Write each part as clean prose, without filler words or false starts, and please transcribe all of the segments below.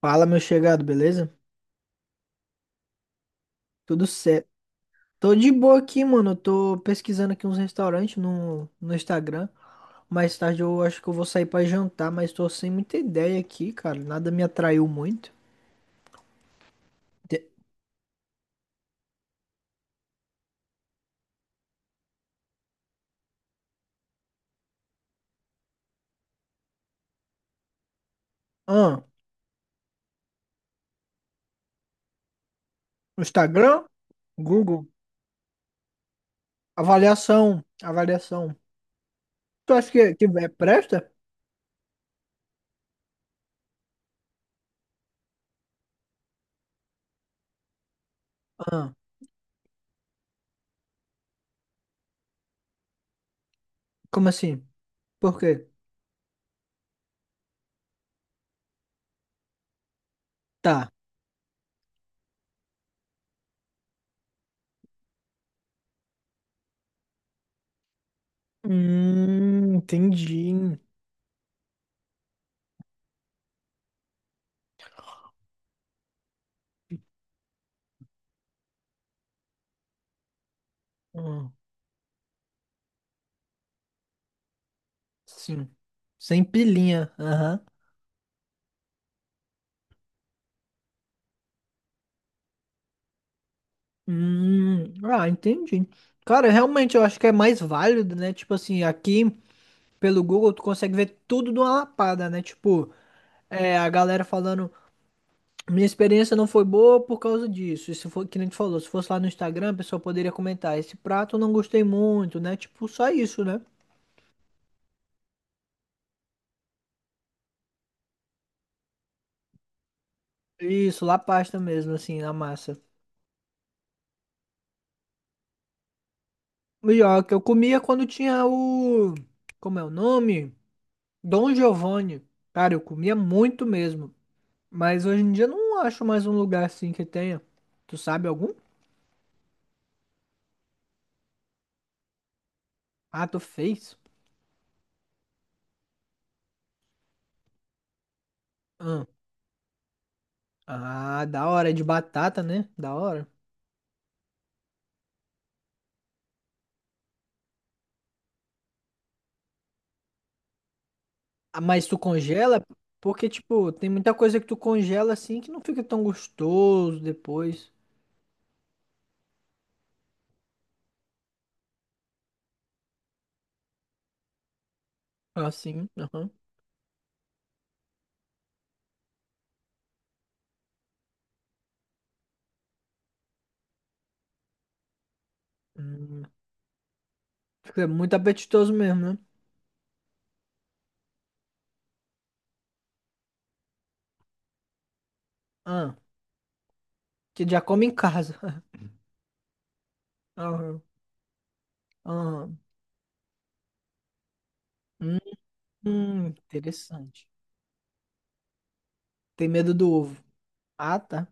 Fala, meu chegado, beleza? Tudo certo. Tô de boa aqui, mano. Eu tô pesquisando aqui uns restaurantes no Instagram. Mais tarde eu acho que eu vou sair pra jantar, mas tô sem muita ideia aqui, cara. Nada me atraiu muito. Te- Ah, no Instagram? Google. Avaliação. Avaliação. Tu acha que é presta? Ah, como assim? Por quê? Tá. Entendi. Hum, sim. Sem pilinha. Aham. Ah, entendi. Cara, realmente eu acho que é mais válido, né? Tipo assim, aqui pelo Google tu consegue ver tudo de uma lapada, né? Tipo, é, a galera falando, minha experiência não foi boa por causa disso. Isso foi que nem tu falou, se fosse lá no Instagram, a pessoa poderia comentar, esse prato eu não gostei muito, né? Tipo, só isso, né? Isso, lá pasta mesmo, assim, na massa. E ó, que eu comia quando tinha o. Como é o nome? Dom Giovanni. Cara, eu comia muito mesmo. Mas hoje em dia eu não acho mais um lugar assim que tenha. Tu sabe algum? Ah, tu fez? Ah, ah, da hora, é de batata, né? Da hora. Ah, mas tu congela? Porque, tipo, tem muita coisa que tu congela assim que não fica tão gostoso depois. Assim, aham. Hum, fica muito apetitoso mesmo, né? Ah, que já come em casa. Aham, aham. Interessante. Tem medo do ovo. Ah, tá.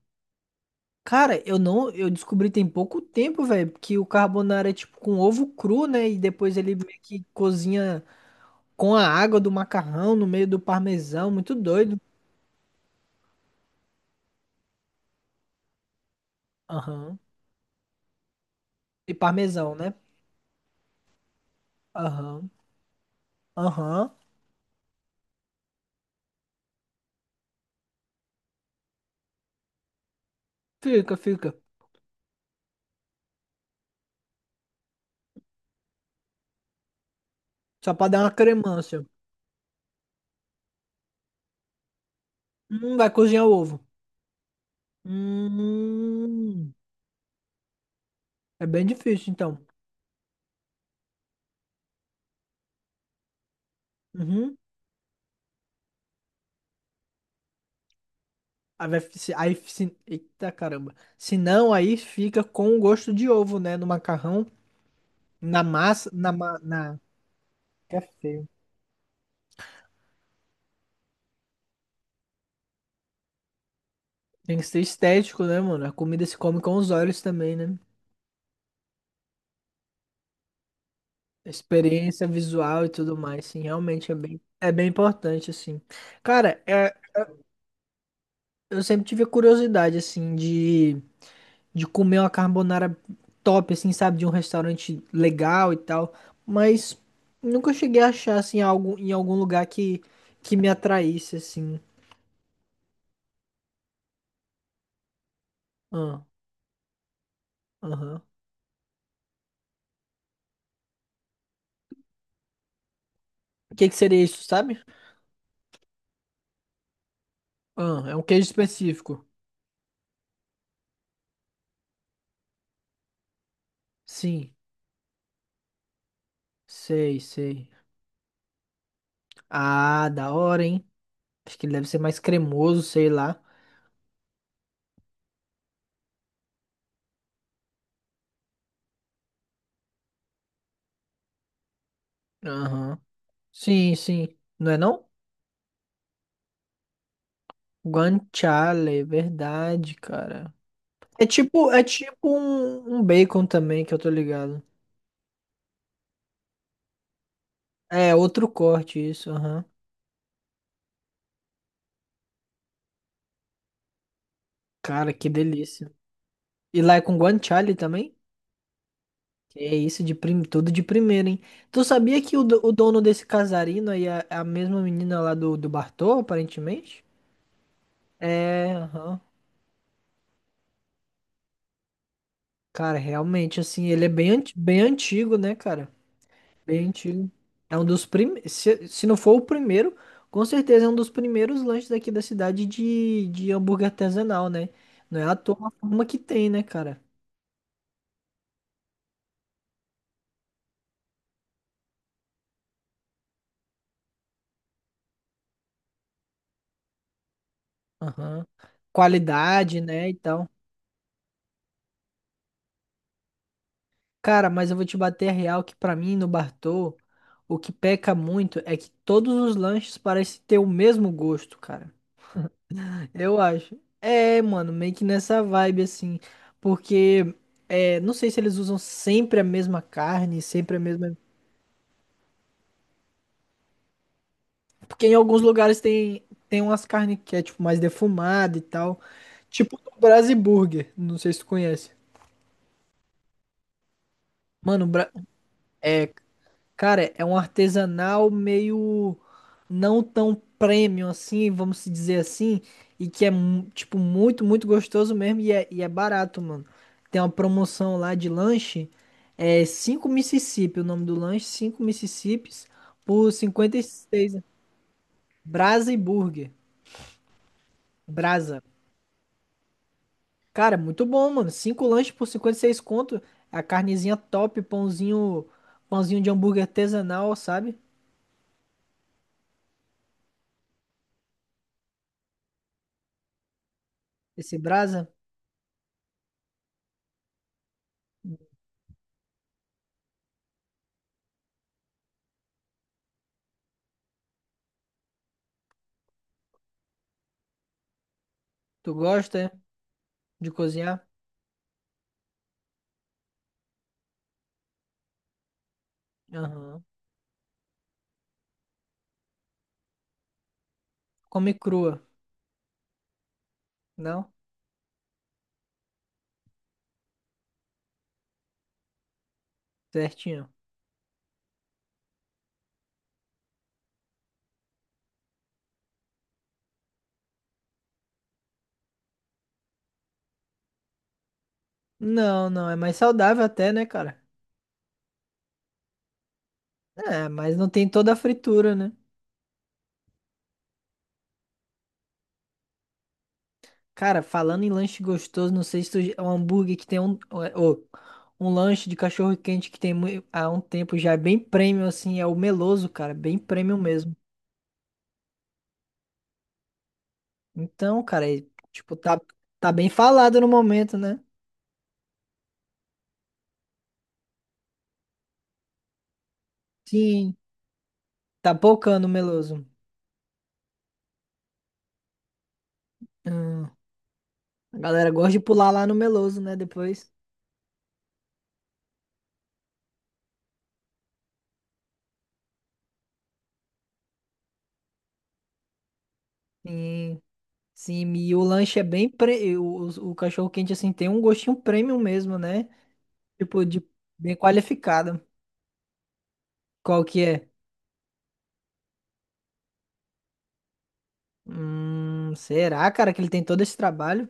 Cara, eu não, eu descobri tem pouco tempo, velho, que o carbonara é tipo com ovo cru, né? E depois ele meio que cozinha com a água do macarrão no meio do parmesão, muito doido. Aham. E parmesão, né? Aham. Aham. Fica, fica. Só pra dar uma cremância. Vai cozinhar o ovo. Hum. É bem difícil, então. Uhum. Aí, vai, aí, se, eita caramba. Se não, aí fica com o gosto de ovo, né? No macarrão, na massa, na, na é feio. Tem que ser estético, né, mano? A comida se come com os olhos também, né? A experiência visual e tudo mais, sim, realmente é bem importante, assim. Cara, é- eu sempre tive curiosidade, assim, de comer uma carbonara top, assim, sabe? De um restaurante legal e tal, mas nunca cheguei a achar, assim, algo em algum lugar que me atraísse, assim. Ah, aham. O que que seria isso, sabe? Ah, é um queijo específico. Sim, sei, sei. Ah, da hora, hein? Acho que ele deve ser mais cremoso, sei lá. Aham. Sim, sim. Não é não? Guanciale, é verdade, cara. É tipo um, um bacon também, que eu tô ligado. É, outro corte isso, aham. Cara, que delícia. E lá é com guanciale também? Que é isso, de prim... tudo de primeira, hein? Tu sabia que o, o dono desse casarino aí é a mesma menina lá do, do Bartô, aparentemente? É, aham. Cara, realmente, assim, ele é bem, bem antigo, né, cara? Bem antigo. É um dos primeiros. Se não for o primeiro, com certeza é um dos primeiros lanches daqui da cidade de hambúrguer artesanal, né? Não é à toa a forma que tem, né, cara? Aham. Qualidade, né, e tal. Cara, mas eu vou te bater a real que pra mim, no Bartô, o que peca muito é que todos os lanches parecem ter o mesmo gosto, cara. Eu acho. É, mano, meio que nessa vibe assim, porque é, não sei se eles usam sempre a mesma carne, sempre a mesma, porque em alguns lugares tem umas carnes que é tipo mais defumada e tal, tipo do Brasiburger, não sei se tu conhece. Mano, o Bra... é, cara, é um artesanal meio não tão premium assim, vamos se dizer assim, e que é tipo muito, muito gostoso mesmo e é barato, mano. Tem uma promoção lá de lanche, é 5 Mississippi, o nome do lanche, 5 Mississippis por 56. Brasa e Burger. Brasa. Cara, muito bom, mano. Cinco lanches por 56 conto, é a carnezinha top, pãozinho, pãozinho de hambúrguer artesanal, sabe? Esse Brasa, tu gosta? É? De cozinhar? Aham. Come crua, não? Certinho. Não, não, é mais saudável até, né, cara? É, mas não tem toda a fritura, né? Cara, falando em lanche gostoso, não sei se tu... é um hambúrguer que tem um... Ou, um lanche de cachorro quente que tem há um tempo já é bem premium, assim, é o Meloso, cara, bem premium mesmo. Então, cara, é, tipo, tá, tá bem falado no momento, né? Sim, tá pocando o Meloso. Hum, a galera gosta de pular lá no Meloso, né, depois. Sim. Sim, e o lanche é bem pre... o cachorro quente assim tem um gostinho premium mesmo, né? Tipo de bem qualificado. Qual que é? Será, cara, que ele tem todo esse trabalho?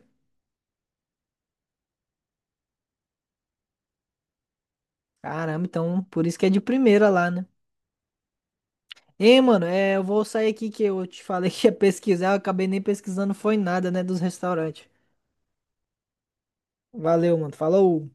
Caramba, então por isso que é de primeira lá, né? Ei, mano, é, eu vou sair aqui que eu te falei que ia pesquisar, eu acabei nem pesquisando foi nada, né, dos restaurantes. Valeu, mano. Falou.